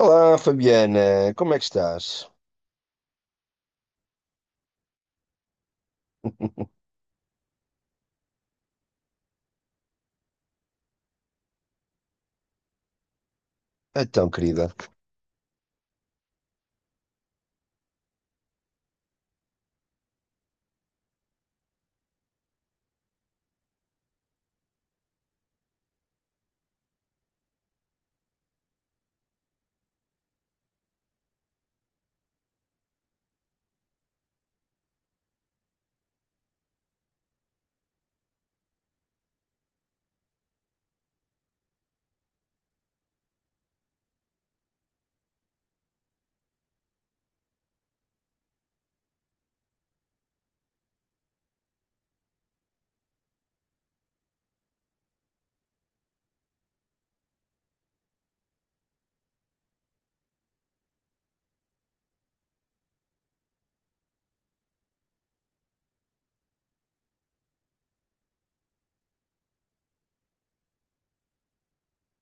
Olá, Fabiana, como é que estás? Então, querida,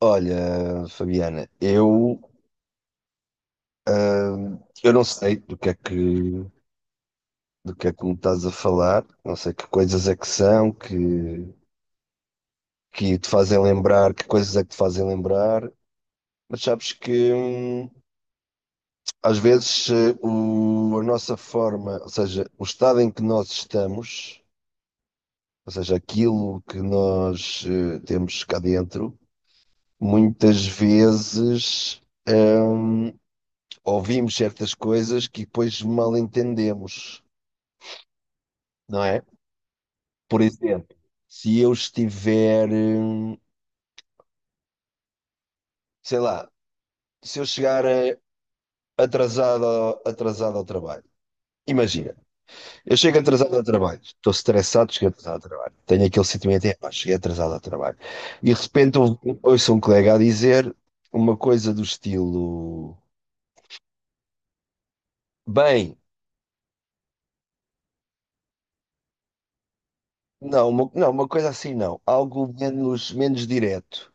olha, Fabiana, eu não sei do que é que me estás a falar, não sei que coisas é que são, que te fazem lembrar, que coisas é que te fazem lembrar, mas sabes que às vezes a nossa forma, ou seja, o estado em que nós estamos, ou seja, aquilo que nós temos cá dentro, muitas vezes. hum, Ouvimos certas coisas que depois mal entendemos, não é? Por exemplo, se eu estiver, sei lá, se eu chegar atrasado, atrasado ao trabalho. Imagina, eu chego atrasado ao trabalho, estou estressado, cheguei atrasado ao trabalho. Tenho aquele sentimento, é, pá, cheguei atrasado ao trabalho. E de repente ouço um colega a dizer uma coisa do estilo, bem, não, uma coisa assim não, algo menos, menos direto.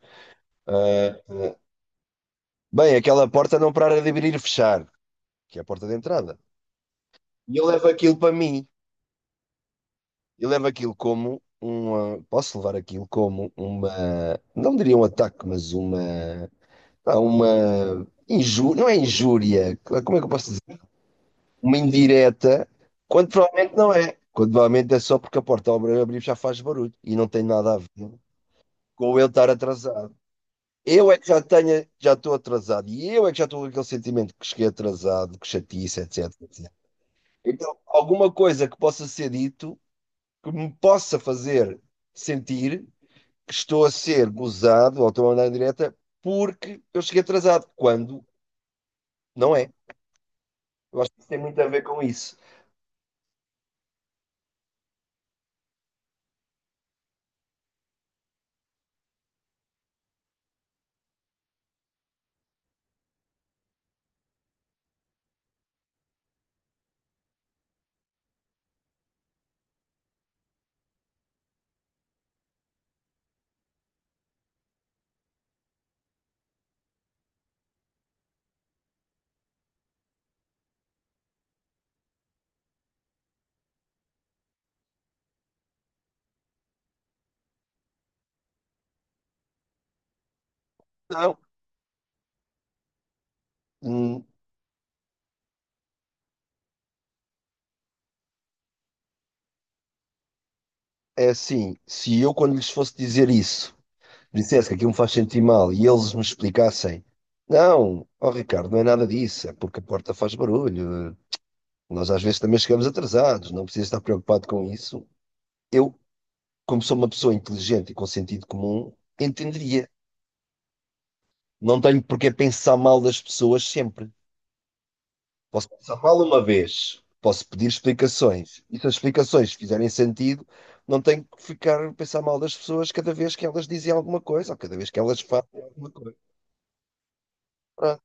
Ah, Bem, aquela porta não para de abrir e fechar, que é a porta de entrada. E eu levo aquilo para mim. Eu levo aquilo como uma. Posso levar aquilo como uma. Não diria um ataque, mas uma. Pá, uma. Injú... Não é injúria. Como é que eu posso dizer? Uma indireta, quando provavelmente não é. Quando provavelmente é só porque a porta ao abrir já faz barulho e não tem nada a ver com eu estar atrasado. Eu é que já tenho, já estou atrasado e eu é que já estou com aquele sentimento que cheguei atrasado, que chatice, etc. Então, alguma coisa que possa ser dito que me possa fazer sentir que estou a ser gozado ou estou a andar em direta porque eu cheguei atrasado, quando não é. Eu acho que isso tem muito a ver com isso. Não, hum, é assim, se eu quando lhes fosse dizer isso, dissesse que aquilo me faz sentir mal e eles me explicassem, não, ó Ricardo, não é nada disso, é porque a porta faz barulho, nós às vezes também chegamos atrasados, não precisa estar preocupado com isso. Eu como sou uma pessoa inteligente e com sentido comum, entenderia. Não tenho porque pensar mal das pessoas sempre. Posso pensar mal uma vez, posso pedir explicações. E se as explicações fizerem sentido, não tenho que ficar a pensar mal das pessoas cada vez que elas dizem alguma coisa ou cada vez que elas fazem alguma coisa. Pronto.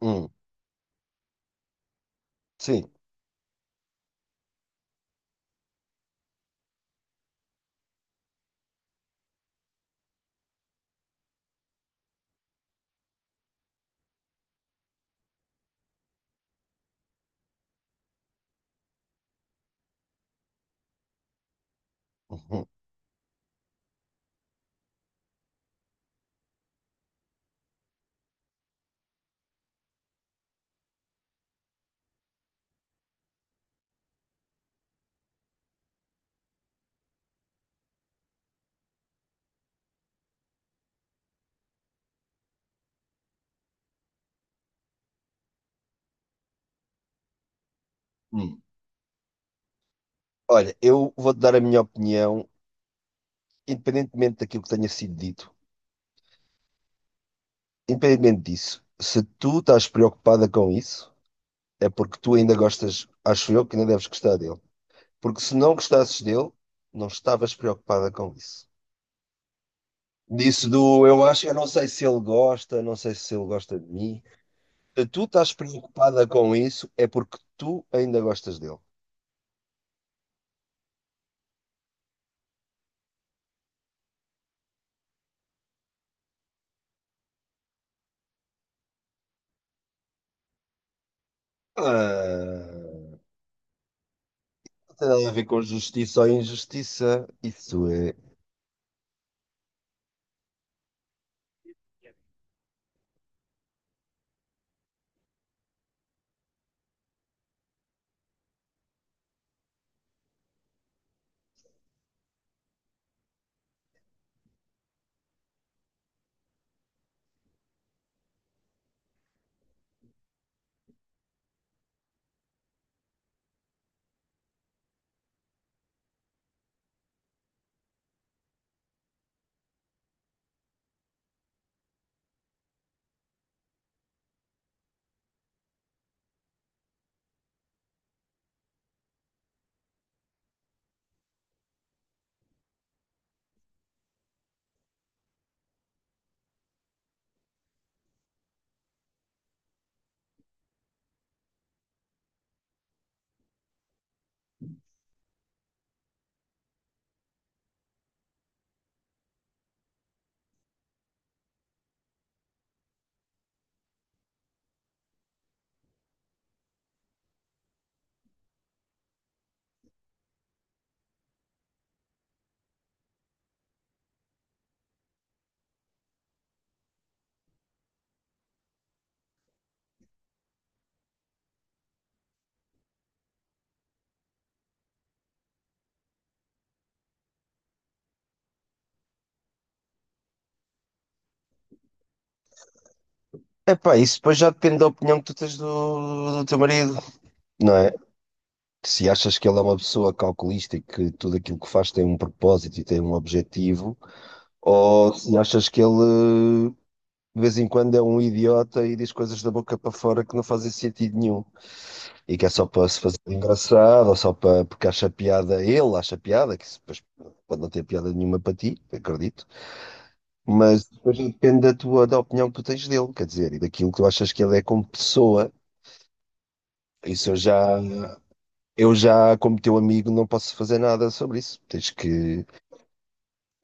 Hum, sim. Uhum, hum. Olha, eu vou-te dar a minha opinião, independentemente daquilo que tenha sido dito. Independentemente disso, se tu estás preocupada com isso. É porque tu ainda gostas, acho eu, que ainda deves gostar dele. Porque se não gostasses dele, não estavas preocupada com isso. Disse do eu acho, eu não sei se ele gosta, não sei se ele gosta de mim. Se tu estás preocupada com isso, é porque tu ainda gostas dele. Ah, não tem nada a ver com justiça ou injustiça. Isso é. Epá, isso depois já depende da opinião que tu tens do teu marido, não é? Se achas que ele é uma pessoa calculista e que tudo aquilo que faz tem um propósito e tem um objetivo, ou se achas que ele de vez em quando é um idiota e diz coisas da boca para fora que não fazem sentido nenhum e que é só para se fazer engraçado ou só para porque acha piada, ele acha piada, que isso depois pode não ter piada nenhuma para ti, acredito, mas depois depende da opinião que tu tens dele, quer dizer, e daquilo que tu achas que ele é como pessoa. Isso eu já, eu já, como teu amigo, não posso fazer nada sobre isso. Tens que.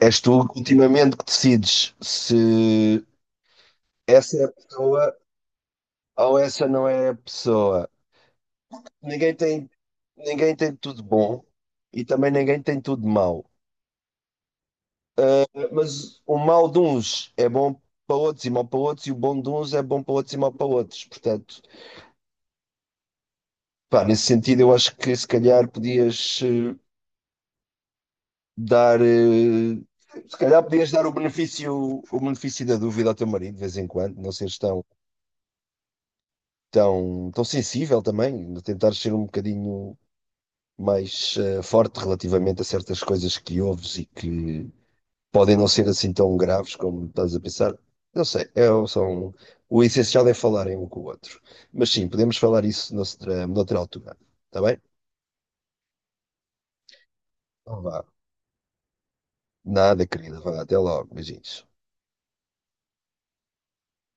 És tu ultimamente que decides se essa é a pessoa ou essa não é a pessoa. Ninguém tem, ninguém tem tudo bom e também ninguém tem tudo mau. Mas o mal de uns é bom para outros e mau para outros, e o bom de uns é bom para outros e mau para outros. Portanto, pá, nesse sentido, eu acho que se calhar podias dar. Se calhar podias dar o benefício da dúvida ao teu marido de vez em quando, não seres tão, tão sensível também, tentar ser um bocadinho mais forte relativamente a certas coisas que ouves e que podem não ser assim tão graves como estás a pensar. Não sei, são, o essencial é falarem um com o outro. Mas sim, podemos falar isso noutra altura. Está bem? Então vá. Nada, querida. Vá, até logo. Beijinhos.